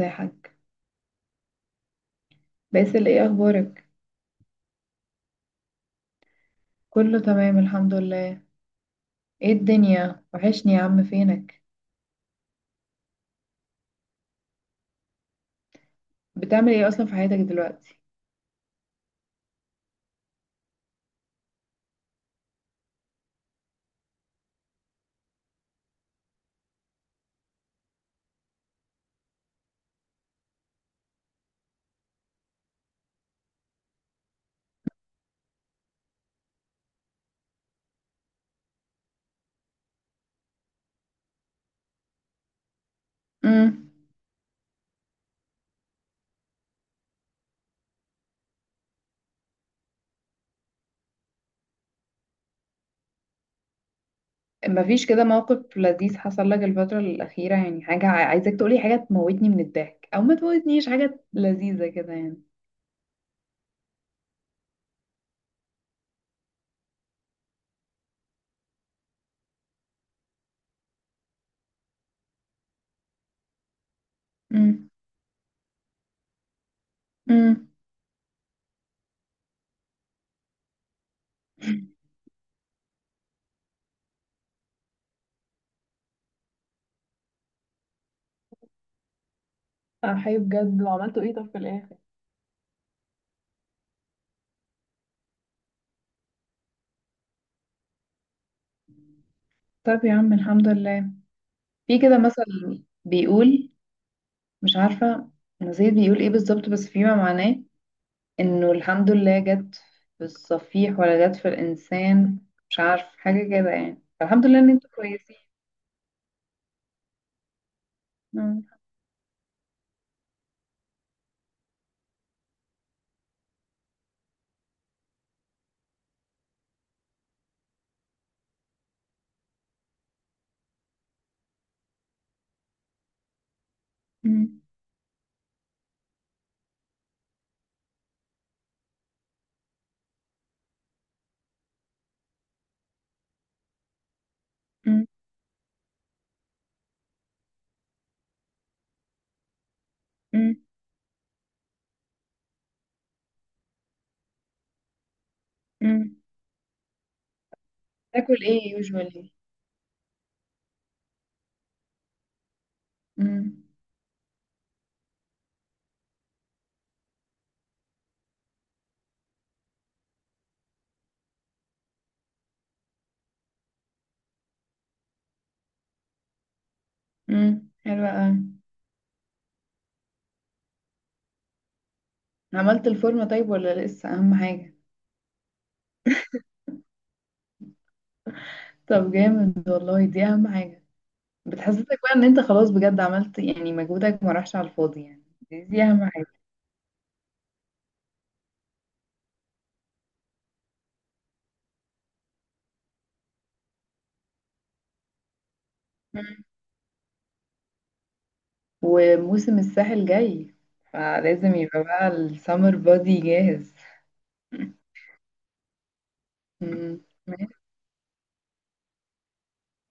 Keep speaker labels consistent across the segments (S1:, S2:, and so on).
S1: ازيحك باسل، ايه اخبارك؟ كله تمام، الحمد لله. ايه الدنيا، وحشني يا عم، فينك؟ بتعمل ايه اصلا في حياتك دلوقتي؟ امم. مفيش كده موقف لذيذ حصل لك الفترة الأخيرة، يعني حاجة عايزاك تقولي، حاجة تموتني من الضحك او ما تموتنيش، حاجة لذيذة كده يعني؟ امم. امم. انا حي بجد! وعملتوا ايه طب في الاخر؟ طب يا عم الحمد لله. في كده مثل بيقول، مش عارفة، نسيت بيقول ايه بالظبط، بس فيما معناه انه الحمد لله جت في الصفيح ولا جت في الانسان، مش عارف حاجة كده، يعني الحمد لله ان انتوا كويسين. مم. مم. مم. مم. مم. تاكل ايه يوجوالي؟ حلوة اوي. عملت الفورمة طيب ولا لسه؟ اهم حاجة. طب جامد والله، دي اهم حاجة. بتحسسك بقى ان انت خلاص بجد عملت، يعني مجهودك ما راحش على الفاضي يعني. دي اهم حاجة. مم. وموسم الساحل جاي، فلازم يبقى بقى السمر بادي جاهز. امم.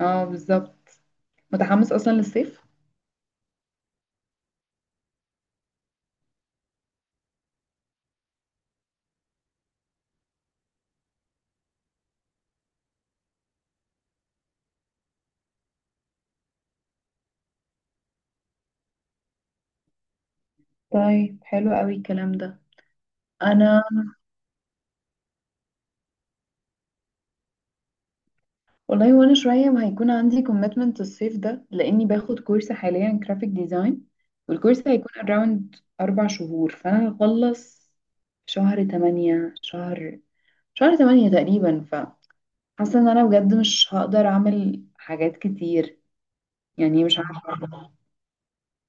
S1: اه، بالظبط. متحمس اصلا للصيف. طيب حلو قوي الكلام ده. انا والله، وانا شويه ما هيكون عندي كوميتمنت الصيف ده، لاني باخد كورس حاليا، جرافيك ديزاين. والكورس هيكون اراوند اربع شهور، فانا هخلص شهر تمانية، شهر تمانية تقريبا. فحاسه ان انا بجد مش هقدر اعمل حاجات كتير، يعني مش عارفه.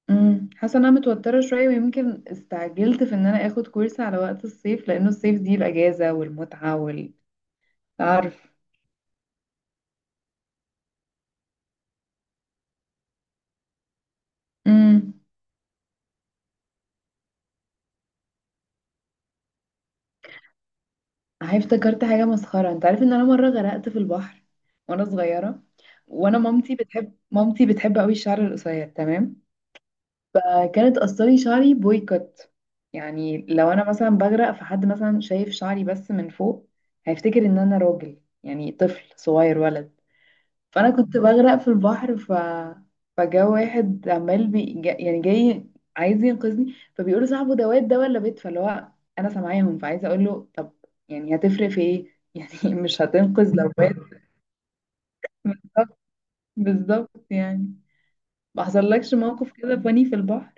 S1: امم. حاسه ان انا متوتره شويه، ويمكن استعجلت في ان انا اخد كورس على وقت الصيف، لانه الصيف دي الاجازه والمتعه تعرف. امم. هاي، افتكرت حاجه مسخره، انت عارف ان انا مره غرقت في البحر وانا صغيره؟ وانا مامتي بتحب، مامتي بتحب قوي الشعر القصير، تمام؟ كانت قصري شعري بويكوت. يعني لو انا مثلا بغرق، فحد مثلا شايف شعري بس من فوق، هيفتكر ان انا راجل، يعني طفل صغير، ولد. فانا كنت بغرق في البحر، فجا واحد عمال يعني جاي عايز ينقذني، فبيقول له صاحبه ده واد ده ولا بيت، فاللي هو انا سامعاهم فعايزه اقول له، طب يعني هتفرق في ايه؟ يعني مش هتنقذ لو واد؟ بالظبط، بالظبط يعني. ما حصلكش موقف كده فاني في البحر؟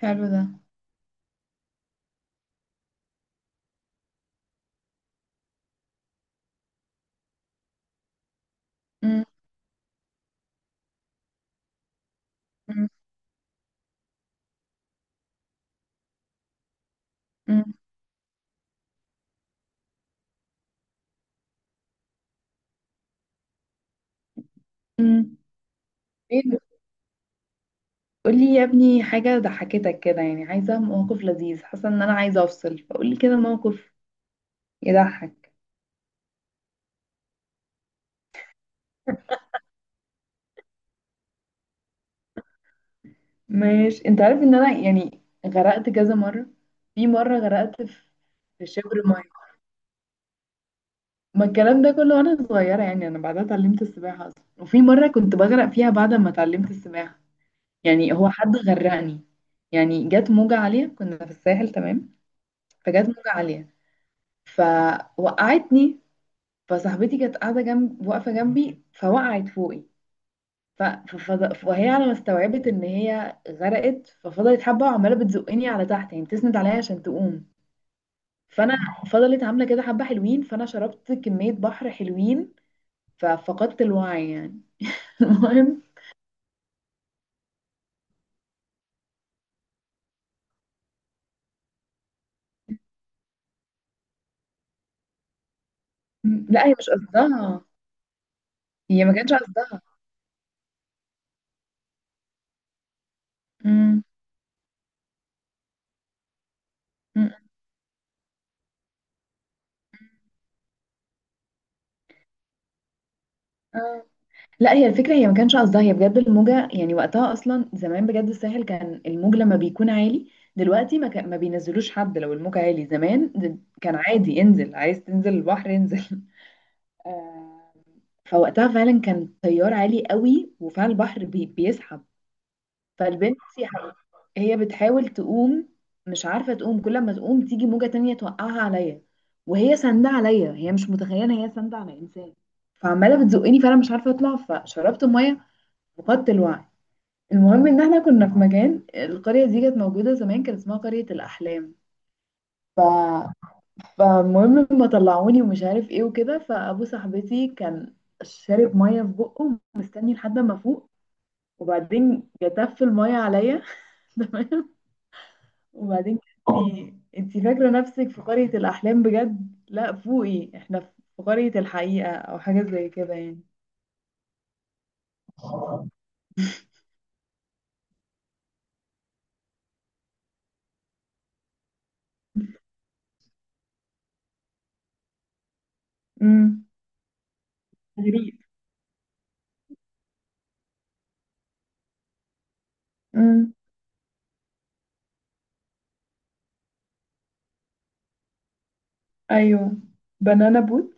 S1: حلو ده. مم، مم، مم، مم. ايه ده؟ قولي يا ابني حاجة ضحكتك كده، يعني عايزة موقف لذيذ، حاسة ان انا عايزة افصل، فقولي كده موقف يضحك. ماشي، انت عارف ان انا يعني غرقت كذا مرة؟ في مرة غرقت في في شبر مية، ما الكلام ده كله وانا صغيرة يعني، انا بعدها اتعلمت السباحة اصلا، وفي مرة كنت بغرق فيها بعد ما اتعلمت السباحة. يعني هو حد غرقني؟ يعني جت موجة عالية، كنا في الساحل، تمام. فجت موجة عالية، فوقعتني. فصاحبتي كانت قاعدة جنب، واقفة جنبي، فوقعت فوقي. وهي على ما استوعبت ان هي غرقت، ففضلت حبة وعمالة بتزقني على تحت، يعني بتسند عليا عشان تقوم. فانا فضلت عامله كده حبه حلوين، فانا شربت كميه بحر حلوين، ففقدت الوعي يعني. المهم، لا هي مش قصدها، هي ما كانش قصدها. أمم، أمم، آه. لا هي الفكره، هي ما كانش قصدها هي بجد، الموجه يعني وقتها اصلا، زمان بجد الساحل كان الموج لما بيكون عالي، دلوقتي ما, كان ما بينزلوش حد لو الموج عالي. زمان كان عادي انزل، عايز تنزل البحر انزل. آه، فوقتها فعلا كان تيار عالي قوي، وفعلا البحر بيسحب. فالبنت يا حبيبي هي بتحاول تقوم، مش عارفة تقوم، كل ما تقوم تيجي موجة تانية توقعها عليا، وهي ساندة عليا، هي مش متخيلة هي ساندة على إنسان. فعمالة بتزقني، فأنا مش عارفة أطلع، فشربت مية، فقدت الوعي. المهم إن احنا كنا في مكان، القرية دي كانت موجودة زمان، كان اسمها قرية الأحلام. ف... فالمهم ما طلعوني ومش عارف ايه وكده، فأبو صاحبتي كان شارب مية في بقه، مستني لحد ما فوق، وبعدين جتف المية عليا. وبعدين اه، انتي فاكرة نفسك في قرية الأحلام بجد؟ لا، فوقي، احنا في قرية الحقيقة أو حاجة زي كده يعني. امم. غريب. امم. ايوه، بنانا بوت.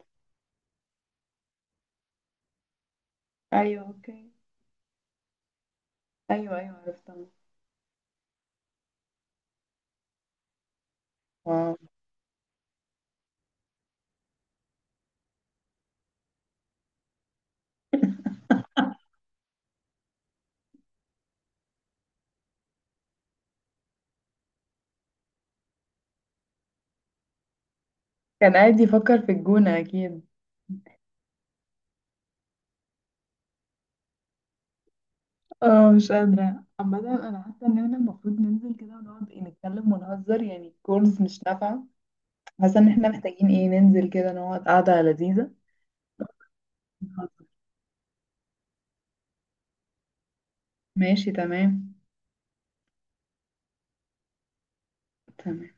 S1: أيوه، أوكي. أيوه، أيوه، عرفتها. واو. كان قاعد يفكر في الجونة أكيد. اه، مش قادرة عامة. أنا حاسة إن احنا المفروض ننزل كده ونقعد، إيه، نتكلم ونهزر يعني، الكورس مش نافعة. حاسة إن احنا محتاجين، إيه، ننزل كده نقعد قعدة لذيذة، نهزر. ماشي تمام. تمام